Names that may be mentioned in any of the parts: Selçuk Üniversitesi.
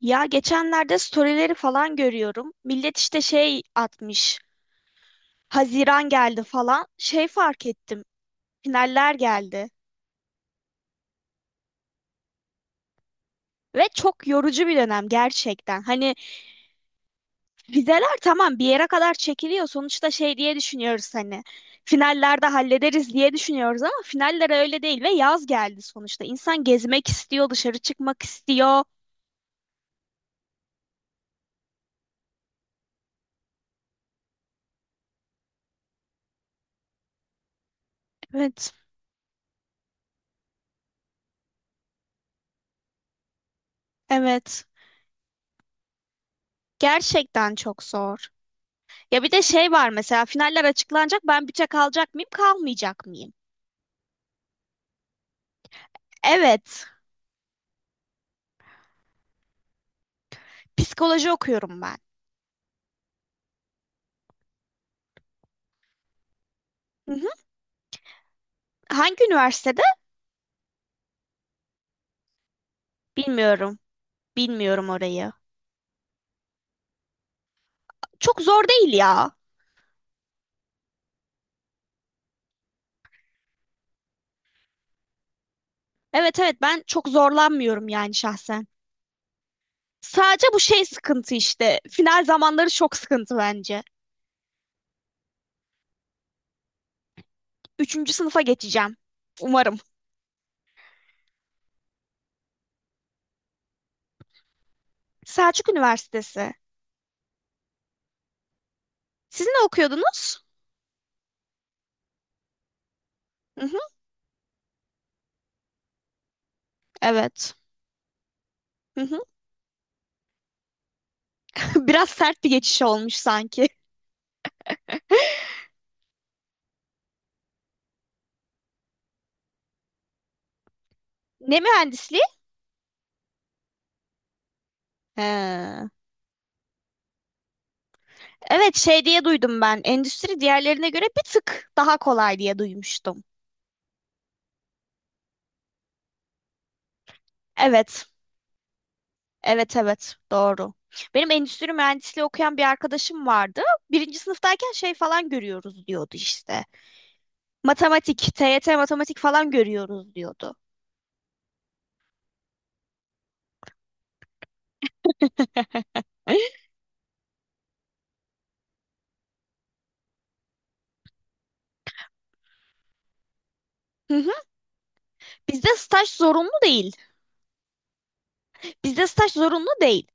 Ya geçenlerde storyleri falan görüyorum. Millet işte şey atmış. Haziran geldi falan. Şey fark ettim. Finaller geldi. Ve çok yorucu bir dönem gerçekten. Hani vizeler tamam bir yere kadar çekiliyor. Sonuçta şey diye düşünüyoruz hani. Finallerde hallederiz diye düşünüyoruz ama finaller öyle değil ve yaz geldi sonuçta. İnsan gezmek istiyor, dışarı çıkmak istiyor. Evet, evet. Gerçekten çok zor. Ya bir de şey var mesela finaller açıklanacak. Ben büte kalacak mıyım, kalmayacak mıyım? Evet. Psikoloji okuyorum ben. Hı hı. Hangi üniversitede? Bilmiyorum. Bilmiyorum orayı. Çok zor değil ya. Evet evet, ben çok zorlanmıyorum yani şahsen. Sadece bu şey sıkıntı işte. Final zamanları çok sıkıntı bence. Üçüncü sınıfa geçeceğim. Umarım. Selçuk Üniversitesi. Siz ne okuyordunuz? Hı hı. Evet. Hı hı. Biraz sert bir geçiş olmuş sanki. Ne mühendisliği? He. Evet şey diye duydum ben. Endüstri diğerlerine göre bir tık daha kolay diye duymuştum. Evet. Evet evet doğru. Benim endüstri mühendisliği okuyan bir arkadaşım vardı. Birinci sınıftayken şey falan görüyoruz diyordu işte. Matematik, TYT matematik falan görüyoruz diyordu. Hı hı. Bizde staj zorunlu değil. Bizde staj zorunlu değil.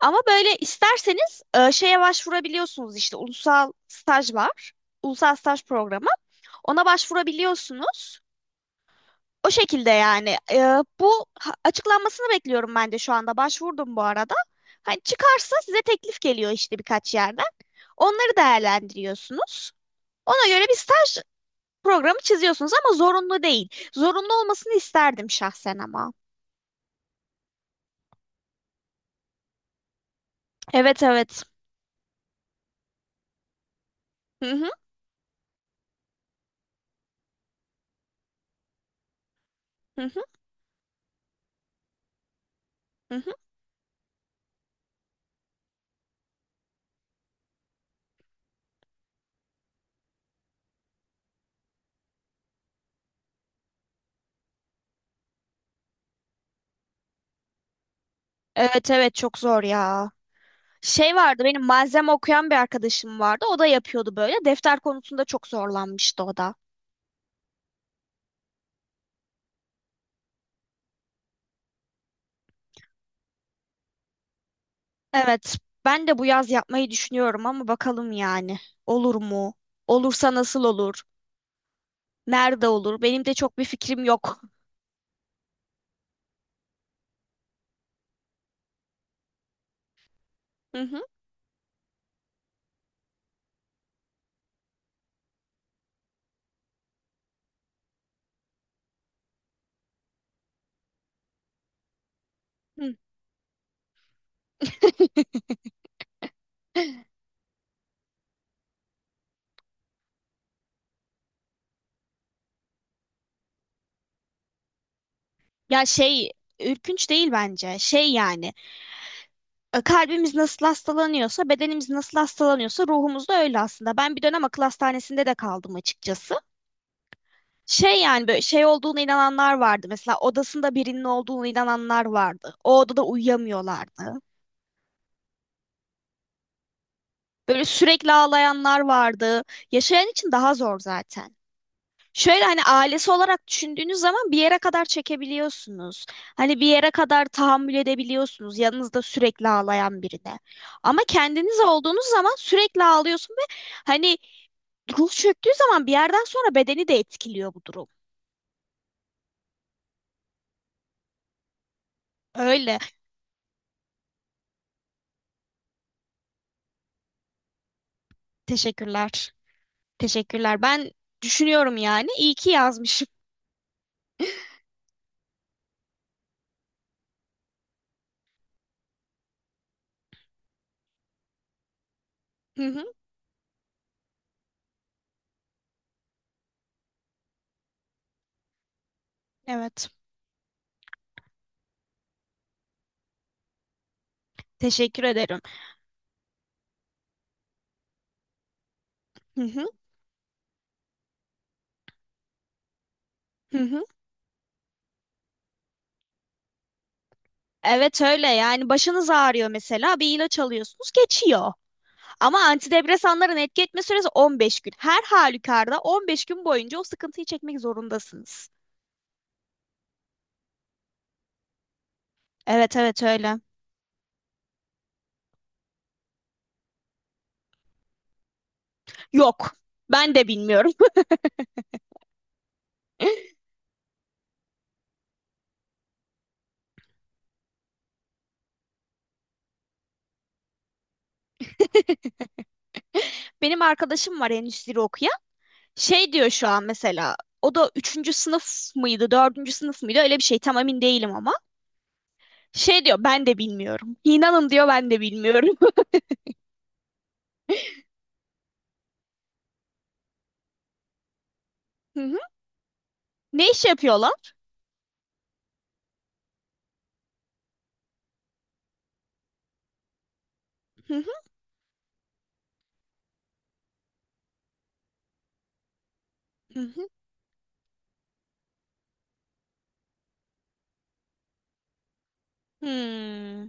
Ama böyle isterseniz şeye başvurabiliyorsunuz işte ulusal staj var. Ulusal staj programı. Ona başvurabiliyorsunuz. O şekilde yani. Bu açıklanmasını bekliyorum ben de şu anda. Başvurdum bu arada. Hani çıkarsa size teklif geliyor işte birkaç yerden. Onları değerlendiriyorsunuz. Ona göre bir staj programı çiziyorsunuz ama zorunlu değil. Zorunlu olmasını isterdim şahsen ama. Evet evet. Hı hı hı hı hı. Hı. Evet evet çok zor ya. Şey vardı benim malzeme okuyan bir arkadaşım vardı. O da yapıyordu böyle. Defter konusunda çok zorlanmıştı o da. Evet, ben de bu yaz yapmayı düşünüyorum ama bakalım yani. Olur mu? Olursa nasıl olur? Nerede olur? Benim de çok bir fikrim yok. Hı hı. Hı. Ya şey, ürkünç değil bence. Şey yani, kalbimiz nasıl hastalanıyorsa, bedenimiz nasıl hastalanıyorsa ruhumuz da öyle aslında. Ben bir dönem akıl hastanesinde de kaldım açıkçası. Şey yani böyle şey olduğuna inananlar vardı. Mesela odasında birinin olduğunu inananlar vardı. O odada uyuyamıyorlardı. Böyle sürekli ağlayanlar vardı. Yaşayan için daha zor zaten. Şöyle hani ailesi olarak düşündüğünüz zaman bir yere kadar çekebiliyorsunuz. Hani bir yere kadar tahammül edebiliyorsunuz yanınızda sürekli ağlayan birine. Ama kendiniz olduğunuz zaman sürekli ağlıyorsun ve hani ruh çöktüğü zaman bir yerden sonra bedeni de etkiliyor bu durum. Öyle. Teşekkürler. Teşekkürler. Ben düşünüyorum yani. İyi ki yazmışım. Hı hı. Evet. Teşekkür ederim. Hı hı. Hı hı. Evet öyle yani, başınız ağrıyor mesela bir ilaç alıyorsunuz geçiyor. Ama antidepresanların etki etme süresi 15 gün. Her halükarda 15 gün boyunca o sıkıntıyı çekmek zorundasınız. Evet evet öyle. Yok ben de bilmiyorum. Benim arkadaşım var endüstri okuyan. Şey diyor şu an mesela o da üçüncü sınıf mıydı, dördüncü sınıf mıydı öyle bir şey tam emin değilim ama. Şey diyor ben de bilmiyorum. İnanın diyor ben de bilmiyorum. Hı hı. Ne iş yapıyor lan? Hı hı, hı hı. Hmm.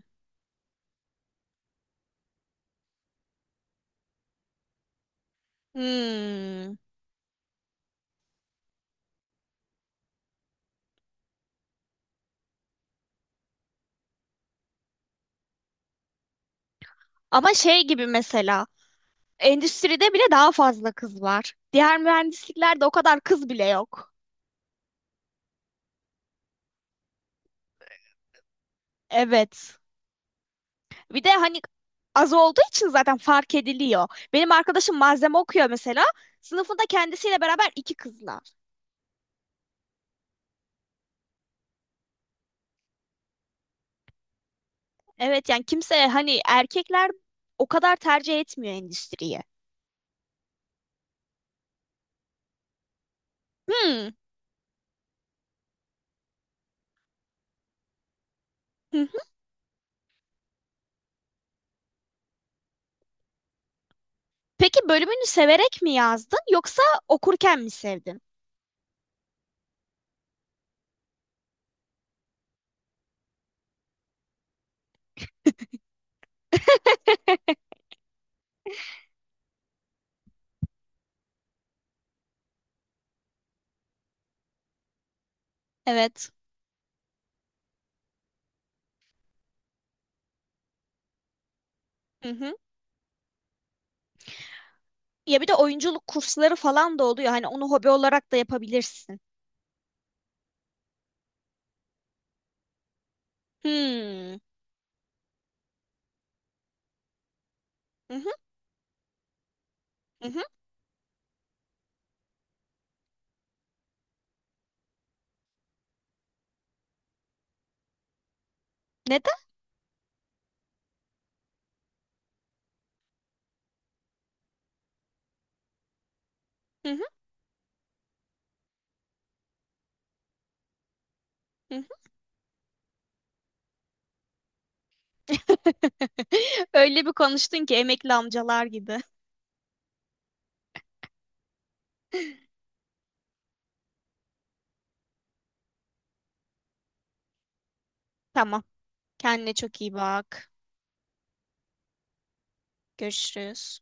Hmm. Ama şey gibi mesela endüstride bile daha fazla kız var. Diğer mühendisliklerde o kadar kız bile yok. Evet. Bir de hani az olduğu için zaten fark ediliyor. Benim arkadaşım malzeme okuyor mesela. Sınıfında kendisiyle beraber iki kızlar. Evet yani kimse hani erkekler o kadar tercih etmiyor endüstriyi. Hmm. Hı hı. Peki bölümünü severek mi yazdın yoksa okurken mi sevdin? Evet. Hı hı. Ya bir de oyunculuk kursları falan da oluyor. Hani onu hobi olarak da yapabilirsin. Hmm. Hı hı, hı hı. Neden? Hı hı, hı hı. Öyle bir konuştun ki emekli amcalar gibi. Tamam. Kendine çok iyi bak. Görüşürüz.